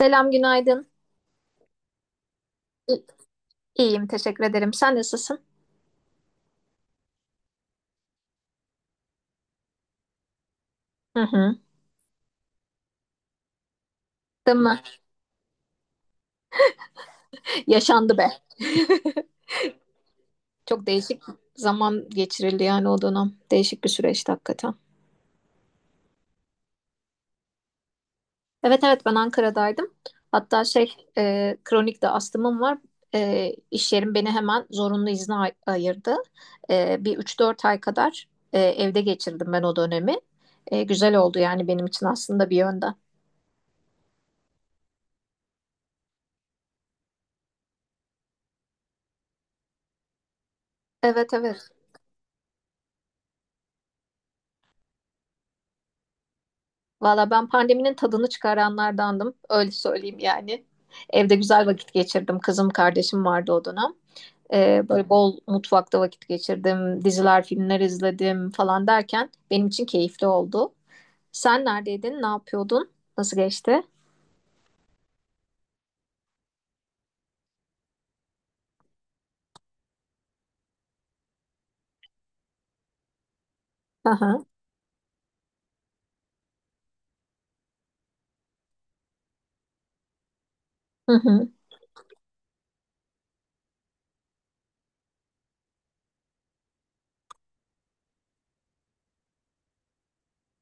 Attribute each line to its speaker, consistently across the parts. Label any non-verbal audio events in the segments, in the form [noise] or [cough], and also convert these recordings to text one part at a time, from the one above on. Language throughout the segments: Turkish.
Speaker 1: Selam, günaydın. İ- İyiyim, teşekkür ederim. Sen nasılsın? Hı hı. Değil mi? Yaşandı be. Çok değişik zaman geçirildi yani o dönem. Değişik bir süreçti hakikaten. Evet evet, ben Ankara'daydım. Hatta kronik de astımım var. İş yerim beni hemen zorunlu izne ayırdı. Bir üç dört ay kadar evde geçirdim ben o dönemi. Güzel oldu yani benim için aslında bir yönden. Evet evet. Valla ben pandeminin tadını çıkaranlardandım. Öyle söyleyeyim yani. Evde güzel vakit geçirdim. Kızım kardeşim vardı o dönem. Böyle bol mutfakta vakit geçirdim. Diziler, filmler izledim falan derken benim için keyifli oldu. Sen neredeydin? Ne yapıyordun? Nasıl geçti? Aha. Hı hı.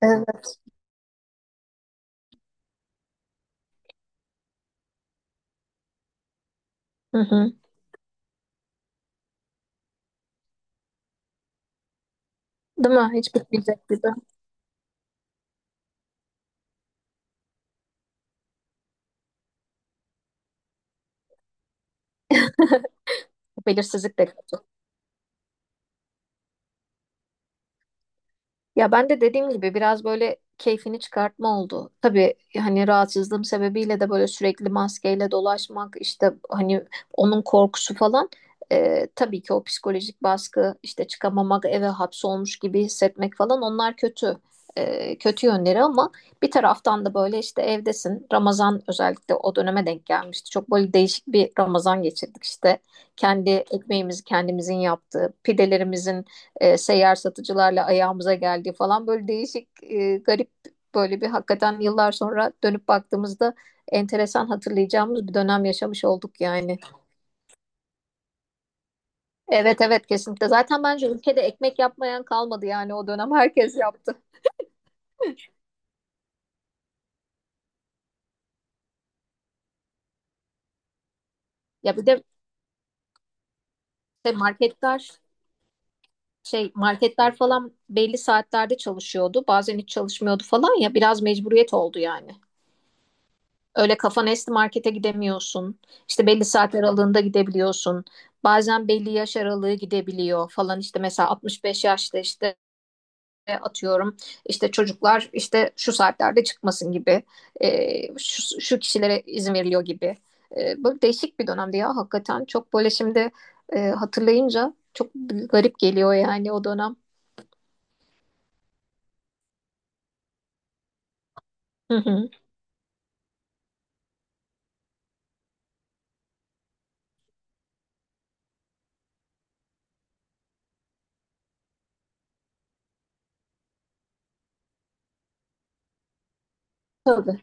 Speaker 1: Evet. Hı hı. Değil mi? Hiç bitmeyecek gibi. [laughs] Belirsizlik de kötü. Ya ben de dediğim gibi biraz böyle keyfini çıkartma oldu. Tabii hani rahatsızlığım sebebiyle de böyle sürekli maskeyle dolaşmak işte hani onun korkusu falan, tabii ki o psikolojik baskı işte çıkamamak eve hapsolmuş gibi hissetmek falan onlar kötü, kötü yönleri, ama bir taraftan da böyle işte evdesin, Ramazan özellikle o döneme denk gelmişti. Çok böyle değişik bir Ramazan geçirdik işte kendi ekmeğimizi kendimizin yaptığı pidelerimizin seyyar satıcılarla ayağımıza geldi falan, böyle değişik, garip, böyle bir, hakikaten yıllar sonra dönüp baktığımızda enteresan hatırlayacağımız bir dönem yaşamış olduk yani. Evet evet, kesinlikle. Zaten bence ülkede ekmek yapmayan kalmadı yani o dönem, herkes yaptı. Ya bir de işte marketler, marketler falan belli saatlerde çalışıyordu. Bazen hiç çalışmıyordu falan, ya biraz mecburiyet oldu yani. Öyle kafan esti markete gidemiyorsun. İşte belli saat aralığında gidebiliyorsun. Bazen belli yaş aralığı gidebiliyor falan, işte mesela 65 yaşta, işte atıyorum, işte çocuklar işte şu saatlerde çıkmasın gibi, şu kişilere izin veriliyor gibi. Böyle değişik bir dönemdi ya, hakikaten çok böyle şimdi hatırlayınca çok garip geliyor yani o dönem. Hı hı. Tabii.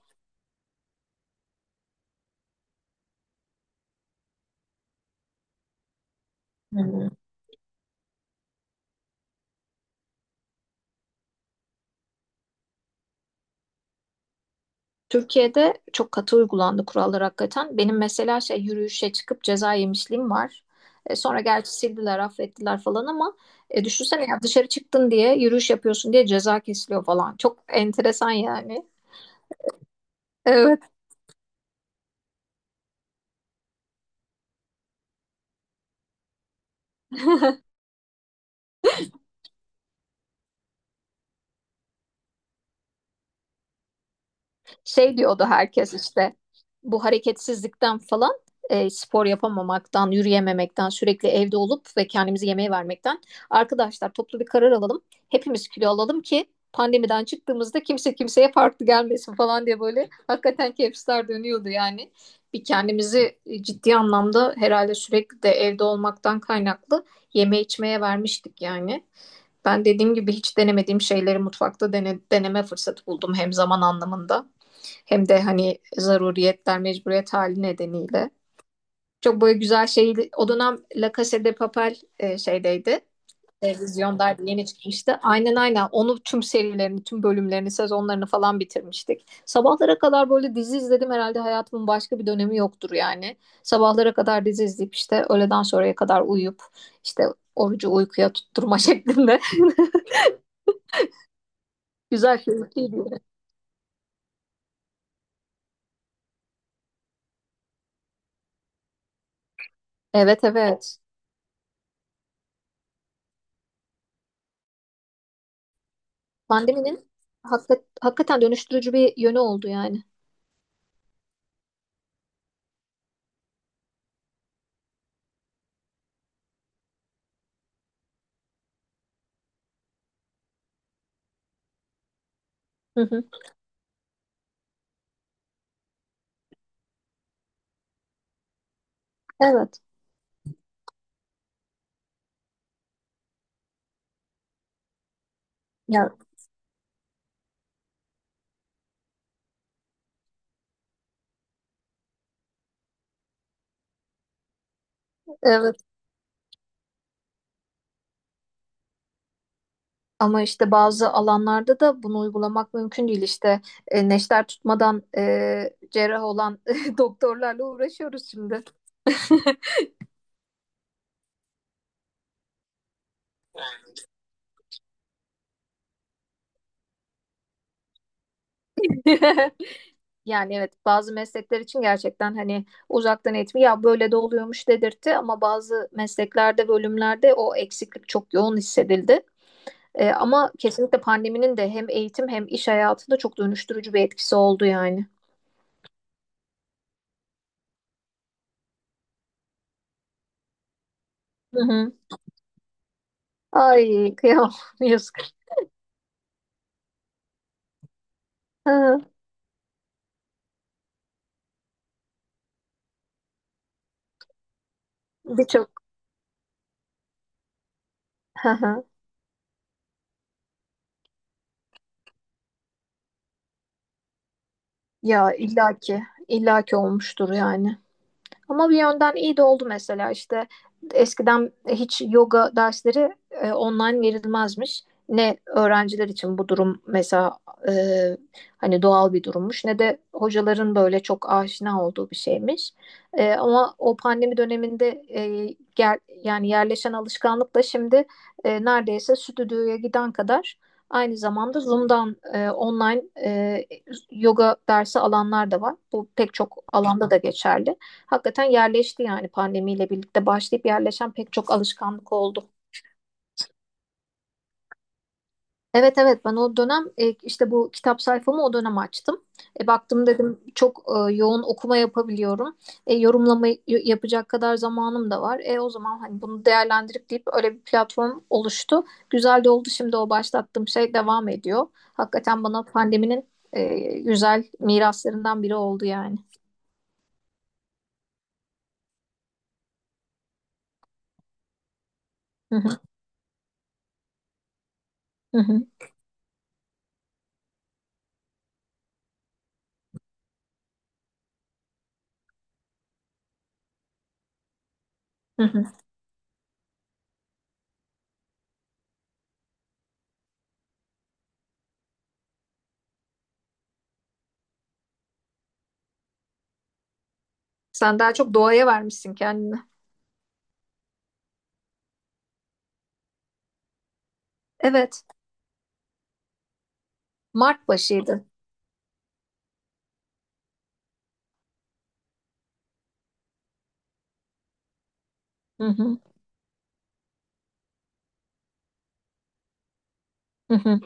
Speaker 1: Hı hı. Türkiye'de çok katı uygulandı kurallar hakikaten. Benim mesela şey, yürüyüşe çıkıp ceza yemişliğim var. Sonra gerçi sildiler, affettiler falan ama düşünsene ya, dışarı çıktın diye, yürüyüş yapıyorsun diye ceza kesiliyor falan. Çok enteresan yani. Evet. Şey diyordu herkes işte, bu hareketsizlikten falan, spor yapamamaktan, yürüyememekten, sürekli evde olup ve kendimizi yemeğe vermekten, arkadaşlar toplu bir karar alalım. Hepimiz kilo alalım ki pandemiden çıktığımızda kimse kimseye farklı gelmesin falan diye, böyle hakikaten kepsler dönüyordu yani. Bir kendimizi ciddi anlamda herhalde sürekli de evde olmaktan kaynaklı yeme içmeye vermiştik yani. Ben dediğim gibi hiç denemediğim şeyleri mutfakta deneme fırsatı buldum, hem zaman anlamında hem de hani zaruriyetler, mecburiyet hali nedeniyle. Çok böyle güzel şey. O dönem La Casa de Papel şeydeydi. Televizyonda yeni çıkmıştı. Aynen aynen. Onu tüm serilerini, tüm bölümlerini, sezonlarını falan bitirmiştik. Sabahlara kadar böyle dizi izledim, herhalde hayatımın başka bir dönemi yoktur yani. Sabahlara kadar dizi izleyip işte öğleden sonraya kadar uyuyup işte orucu uykuya tutturma [laughs] şeklinde. [laughs] Güzel, keyifliydi. Evet evet. Pandeminin hakikaten dönüştürücü bir yönü oldu yani. Hı hı. Evet. Ya, evet. Ama işte bazı alanlarda da bunu uygulamak mümkün değil. İşte neşter tutmadan cerrah olan [laughs] doktorlarla uğraşıyoruz şimdi. [laughs] Yani evet, bazı meslekler için gerçekten hani uzaktan eğitim ya böyle de oluyormuş dedirtti, ama bazı mesleklerde, bölümlerde o eksiklik çok yoğun hissedildi. Ama kesinlikle pandeminin de hem eğitim hem iş hayatında çok dönüştürücü bir etkisi oldu yani. Hı hı. Ay kıyamam [laughs] yazık. Ha, Birçok. Hı hı. Ya illaki illaki olmuştur yani. Ama bir yönden iyi de oldu, mesela işte eskiden hiç yoga dersleri online verilmezmiş. Ne öğrenciler için bu durum mesela e, hani doğal bir durummuş, ne de hocaların böyle çok aşina olduğu bir şeymiş. Ama o pandemi döneminde, yani yerleşen alışkanlıkla şimdi neredeyse stüdyoya giden kadar aynı zamanda Zoom'dan online yoga dersi alanlar da var. Bu pek çok alanda da geçerli. Hakikaten yerleşti yani, pandemiyle birlikte başlayıp yerleşen pek çok alışkanlık oldu. Evet evet, ben o dönem işte bu kitap sayfamı o dönem açtım. Baktım dedim çok yoğun okuma yapabiliyorum. Yorumlama yapacak kadar zamanım da var. O zaman hani bunu değerlendirip deyip öyle bir platform oluştu. Güzel de oldu, şimdi o başlattığım şey devam ediyor. Hakikaten bana pandeminin güzel miraslarından biri oldu yani. Hı hı. Hı hı, hı hı. Sen daha çok doğaya vermişsin kendini. Evet, Mart başıydı. Hı hı, hı hı.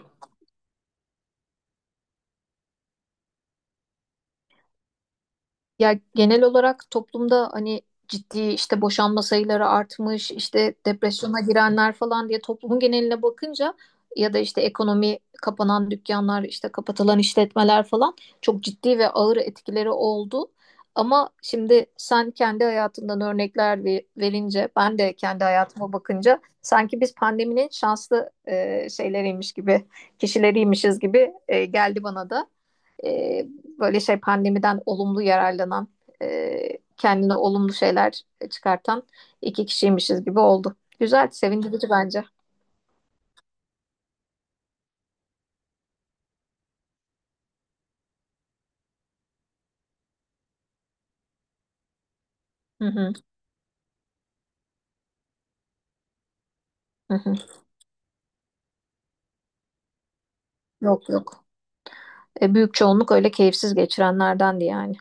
Speaker 1: Ya genel olarak toplumda hani ciddi işte boşanma sayıları artmış, işte depresyona girenler falan diye toplumun geneline bakınca, ya da işte ekonomi, kapanan dükkanlar, işte kapatılan işletmeler falan çok ciddi ve ağır etkileri oldu. Ama şimdi sen kendi hayatından örnekler verince, ben de kendi hayatıma bakınca sanki biz pandeminin şanslı, şeyleriymiş gibi, kişileriymişiz gibi geldi bana da, e, böyle şey pandemiden olumlu yararlanan, kendine olumlu şeyler çıkartan iki kişiymişiz gibi oldu. Güzel, sevindirici bence. Hı hı, hı hı. Yok yok. Büyük çoğunluk öyle keyifsiz geçirenlerdendi yani.